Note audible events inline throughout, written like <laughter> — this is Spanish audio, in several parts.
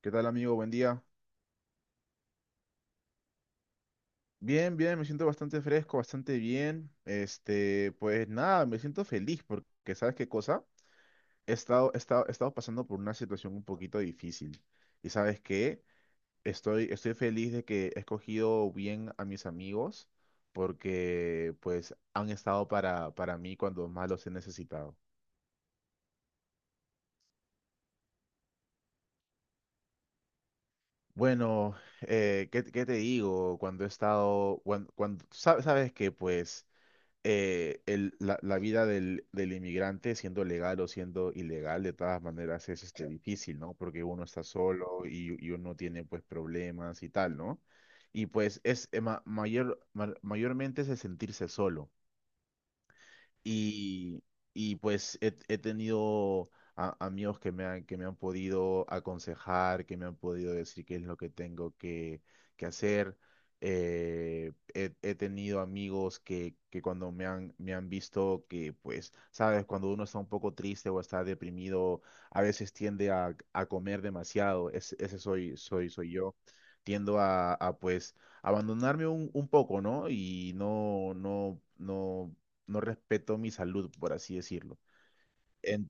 ¿Qué tal, amigo? Buen día. Bien, bien, me siento bastante fresco, bastante bien. Este, pues nada, me siento feliz porque, ¿sabes qué cosa? He estado pasando por una situación un poquito difícil. ¿Y sabes qué? Estoy feliz de que he escogido bien a mis amigos porque, pues, han estado para mí cuando más los he necesitado. Bueno, ¿qué te digo? Cuando he estado, sabes que, pues, la vida del inmigrante, siendo legal o siendo ilegal, de todas maneras es este, difícil, ¿no? Porque uno está solo y uno tiene pues problemas y tal, ¿no? Y pues es mayormente es el sentirse solo. Y, pues he tenido amigos que me han podido aconsejar, que me han podido decir qué es lo que que hacer. He tenido amigos que cuando me han visto que, pues, sabes, cuando uno está un poco triste o está deprimido, a veces tiende a comer demasiado. Soy yo. Tiendo a pues, abandonarme un poco, ¿no? Y no respeto mi salud, por así decirlo. En-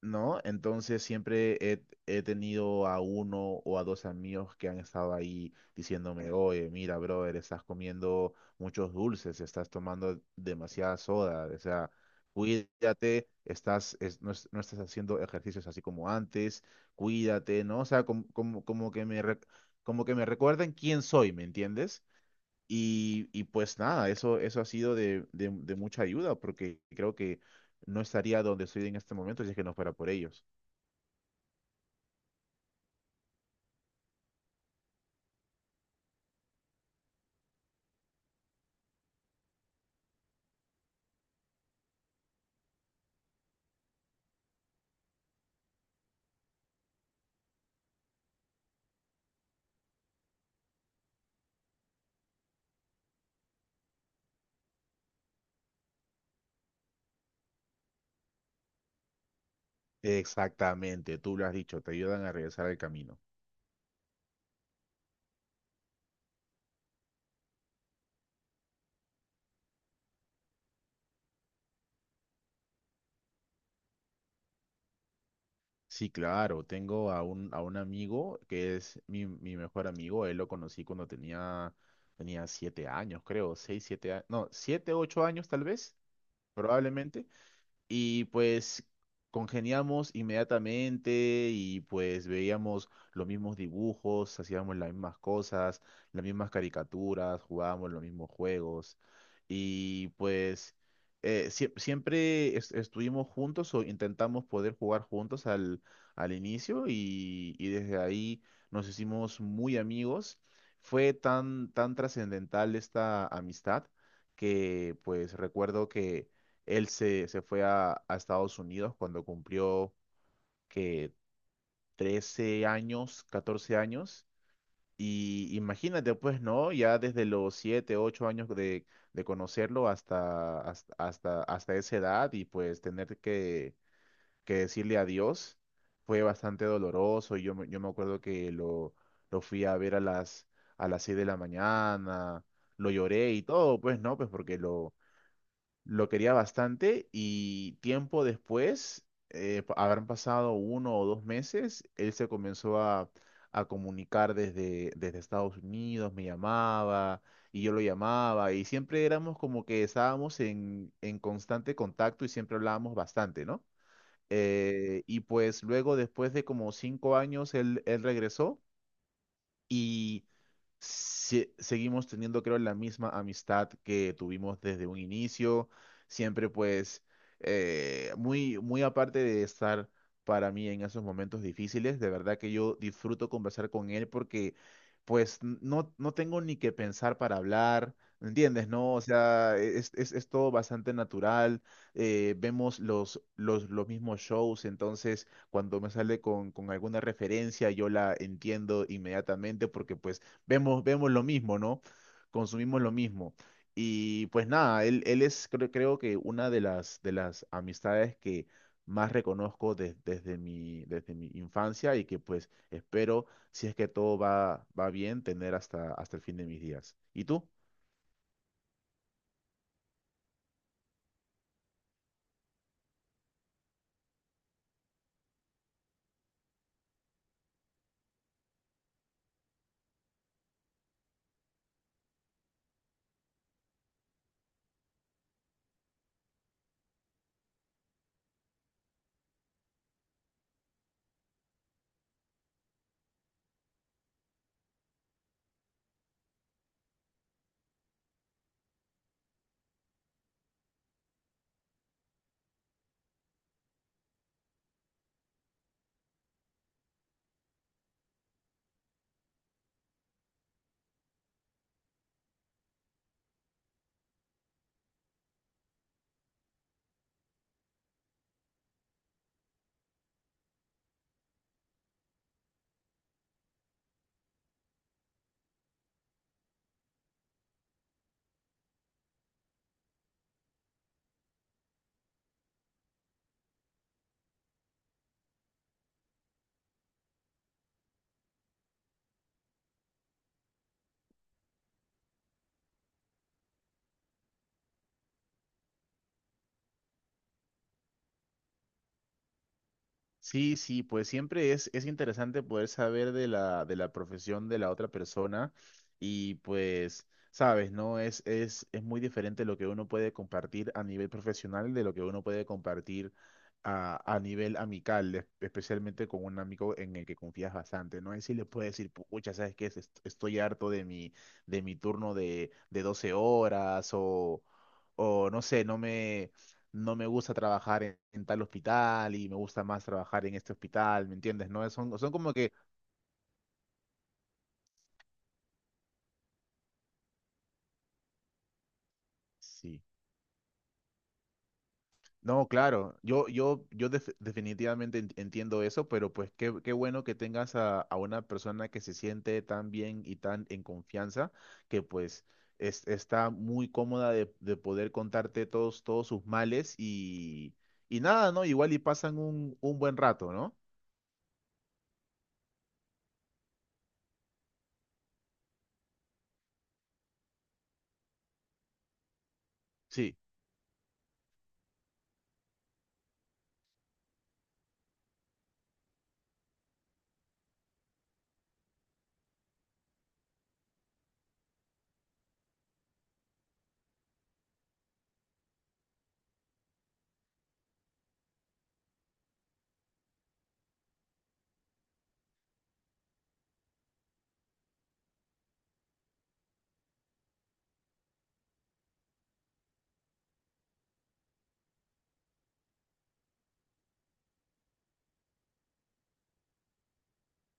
¿No? Entonces siempre he tenido a uno o a dos amigos que han estado ahí diciéndome, oye, mira, brother, estás comiendo muchos dulces, estás tomando demasiada soda, o sea, cuídate, estás, no estás haciendo ejercicios así como antes, cuídate, ¿no? O sea, como que como que me recuerden quién soy, ¿me entiendes? Y pues nada, eso ha sido de mucha ayuda porque creo que no estaría donde estoy en este momento si es que no fuera por ellos. Exactamente, tú lo has dicho, te ayudan a regresar al camino. Sí, claro, tengo a un amigo que es mi, mi mejor amigo, él lo conocí cuando tenía 7 años, creo, 6, 7 años, no, 7, 8 años tal vez, probablemente. Y pues congeniamos inmediatamente y pues veíamos los mismos dibujos, hacíamos las mismas cosas, las mismas caricaturas, jugábamos los mismos juegos. Y pues siempre estuvimos juntos o intentamos poder jugar juntos al inicio y desde ahí nos hicimos muy amigos. Fue tan, tan trascendental esta amistad que pues recuerdo que se fue a Estados Unidos cuando cumplió que 13 años, 14 años. Y imagínate, pues, ¿no? Ya desde los 7 u 8 años de conocerlo hasta esa edad y pues que decirle adiós fue bastante doloroso. Y yo, yo me acuerdo que lo fui a ver a a las 6 de la mañana, lo lloré y todo, pues, ¿no? Pues porque lo quería bastante y tiempo después, habrán pasado uno o dos meses, él se comenzó a comunicar desde Estados Unidos, me llamaba y yo lo llamaba y siempre éramos como que estábamos en constante contacto y siempre hablábamos bastante, ¿no? Y pues luego, después de como 5 años, él regresó. Y seguimos teniendo, creo, la misma amistad que tuvimos desde un inicio. Siempre, pues, muy aparte de estar para mí en esos momentos difíciles, de verdad que yo disfruto conversar con él porque, pues, no tengo ni que pensar para hablar. ¿Me entiendes? ¿No? O sea, es todo bastante natural. Eh, vemos los mismos shows, entonces cuando me sale con alguna referencia yo la entiendo inmediatamente porque pues vemos lo mismo, ¿no? Consumimos lo mismo. Y pues nada, él es creo que una de de las amistades que más reconozco desde desde mi infancia y que pues espero, si es que todo va, va bien, tener hasta el fin de mis días. ¿Y tú? Sí, sí, pues siempre es interesante poder saber de de la profesión de la otra persona y pues, sabes, ¿no? Es muy diferente lo que uno puede compartir a nivel profesional de lo que uno puede compartir a nivel amical, especialmente con un amigo en el que confías bastante, ¿no? Y si le puedes decir, pucha, ¿sabes qué? Estoy harto de mi turno de 12 horas o no sé, no me gusta trabajar en tal hospital y me gusta más trabajar en este hospital, ¿me entiendes? ¿No? Son como que... Sí. No, claro, yo definitivamente entiendo eso, pero pues qué bueno que tengas a una persona que se siente tan bien y tan en confianza, que pues está muy cómoda de poder contarte todos sus males y nada, ¿no? Igual y pasan un buen rato, ¿no? Sí,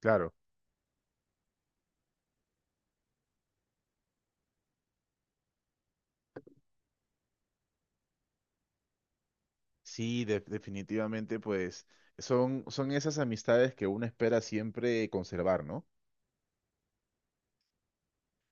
claro. Sí, definitivamente pues son esas amistades que uno espera siempre conservar, ¿no?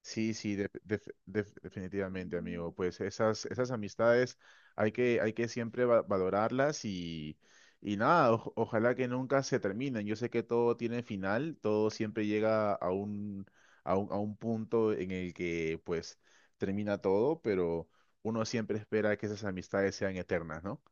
Sí, sí, definitivamente, amigo. Pues esas, esas amistades hay que siempre valorarlas y nada, ojalá que nunca se terminen. Yo sé que todo tiene final, todo siempre llega a un punto en el que pues termina todo, pero uno siempre espera que esas amistades sean eternas, ¿no?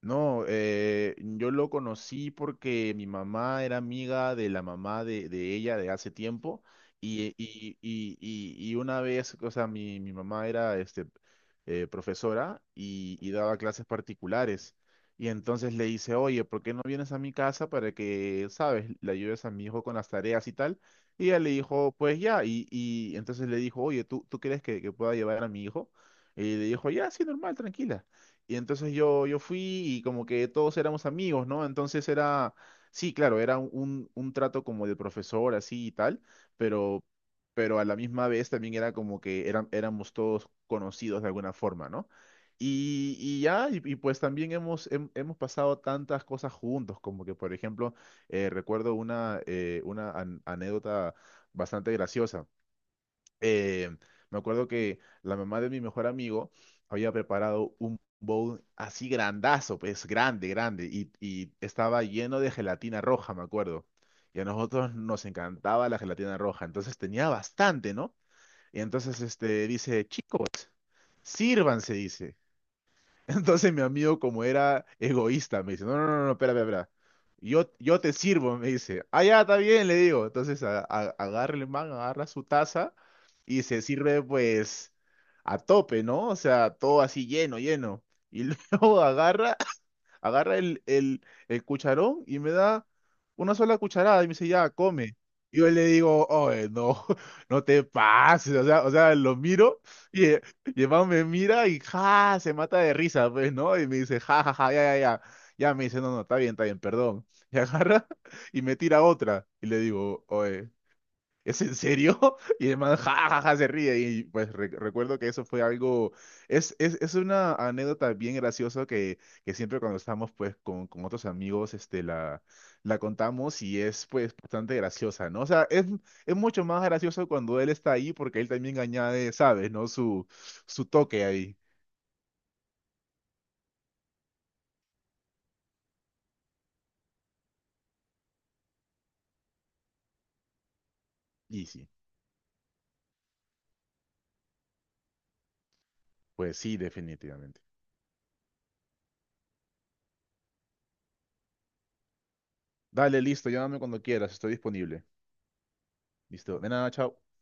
No, yo lo conocí porque mi mamá era amiga de la mamá de ella de hace tiempo y una vez, o sea, mi mamá era este, profesora y daba clases particulares y entonces le hice, oye, ¿por qué no vienes a mi casa para que, sabes, le ayudes a mi hijo con las tareas y tal? Y ella le dijo, pues ya, y entonces le dijo, oye, tú crees que pueda llevar a mi hijo? Y le dijo, ya, sí, normal, tranquila. Y entonces yo fui y como que todos éramos amigos, ¿no? Entonces era, sí, claro, era un trato como de profesor, así y tal, pero, pero a la misma vez también era como que eran, éramos todos conocidos de alguna forma, ¿no? Y ya, y pues también hemos pasado tantas cosas juntos, como que, por ejemplo, recuerdo una anécdota bastante graciosa, eh, me acuerdo que la mamá de mi mejor amigo había preparado un bowl así grandazo, pues grande, grande, y estaba lleno de gelatina roja, me acuerdo. Y a nosotros nos encantaba la gelatina roja, entonces tenía bastante, ¿no? Y entonces este, dice, Sírvanse", dice. Entonces mi amigo, como era egoísta, me dice, no, no, no, no, espera, espera, espera. Yo te sirvo, me dice. Ah, ya, está bien, le digo. Entonces agarra el man, agarra su taza y se sirve pues a tope, ¿no? O sea, todo así lleno, lleno. Y <laughs> luego agarra el cucharón y me da una sola cucharada y me dice, ya, come. Y yo le digo, oye, no, <laughs> no te pases, o sea, lo miro y, eh, y el man me mira y ja, se mata de risa, pues, ¿no? Y me dice, ja, ja, ja, ya, ya, ya. Ya me dice, no, no, está bien, perdón. Y agarra <laughs> y me tira otra. Y le digo, oye, ¿es en serio? <laughs> Y el man, ja, ja, ja, se ríe. Y pues recuerdo que eso fue algo, es una anécdota bien graciosa que siempre cuando estamos pues con otros amigos, este, la contamos y es pues bastante graciosa, ¿no? O sea, es mucho más gracioso cuando él está ahí porque él también añade, ¿sabes? ¿No? Su toque ahí. Y sí, pues sí, definitivamente. Dale, listo, llámame cuando quieras, estoy disponible. Listo, de nada, chao.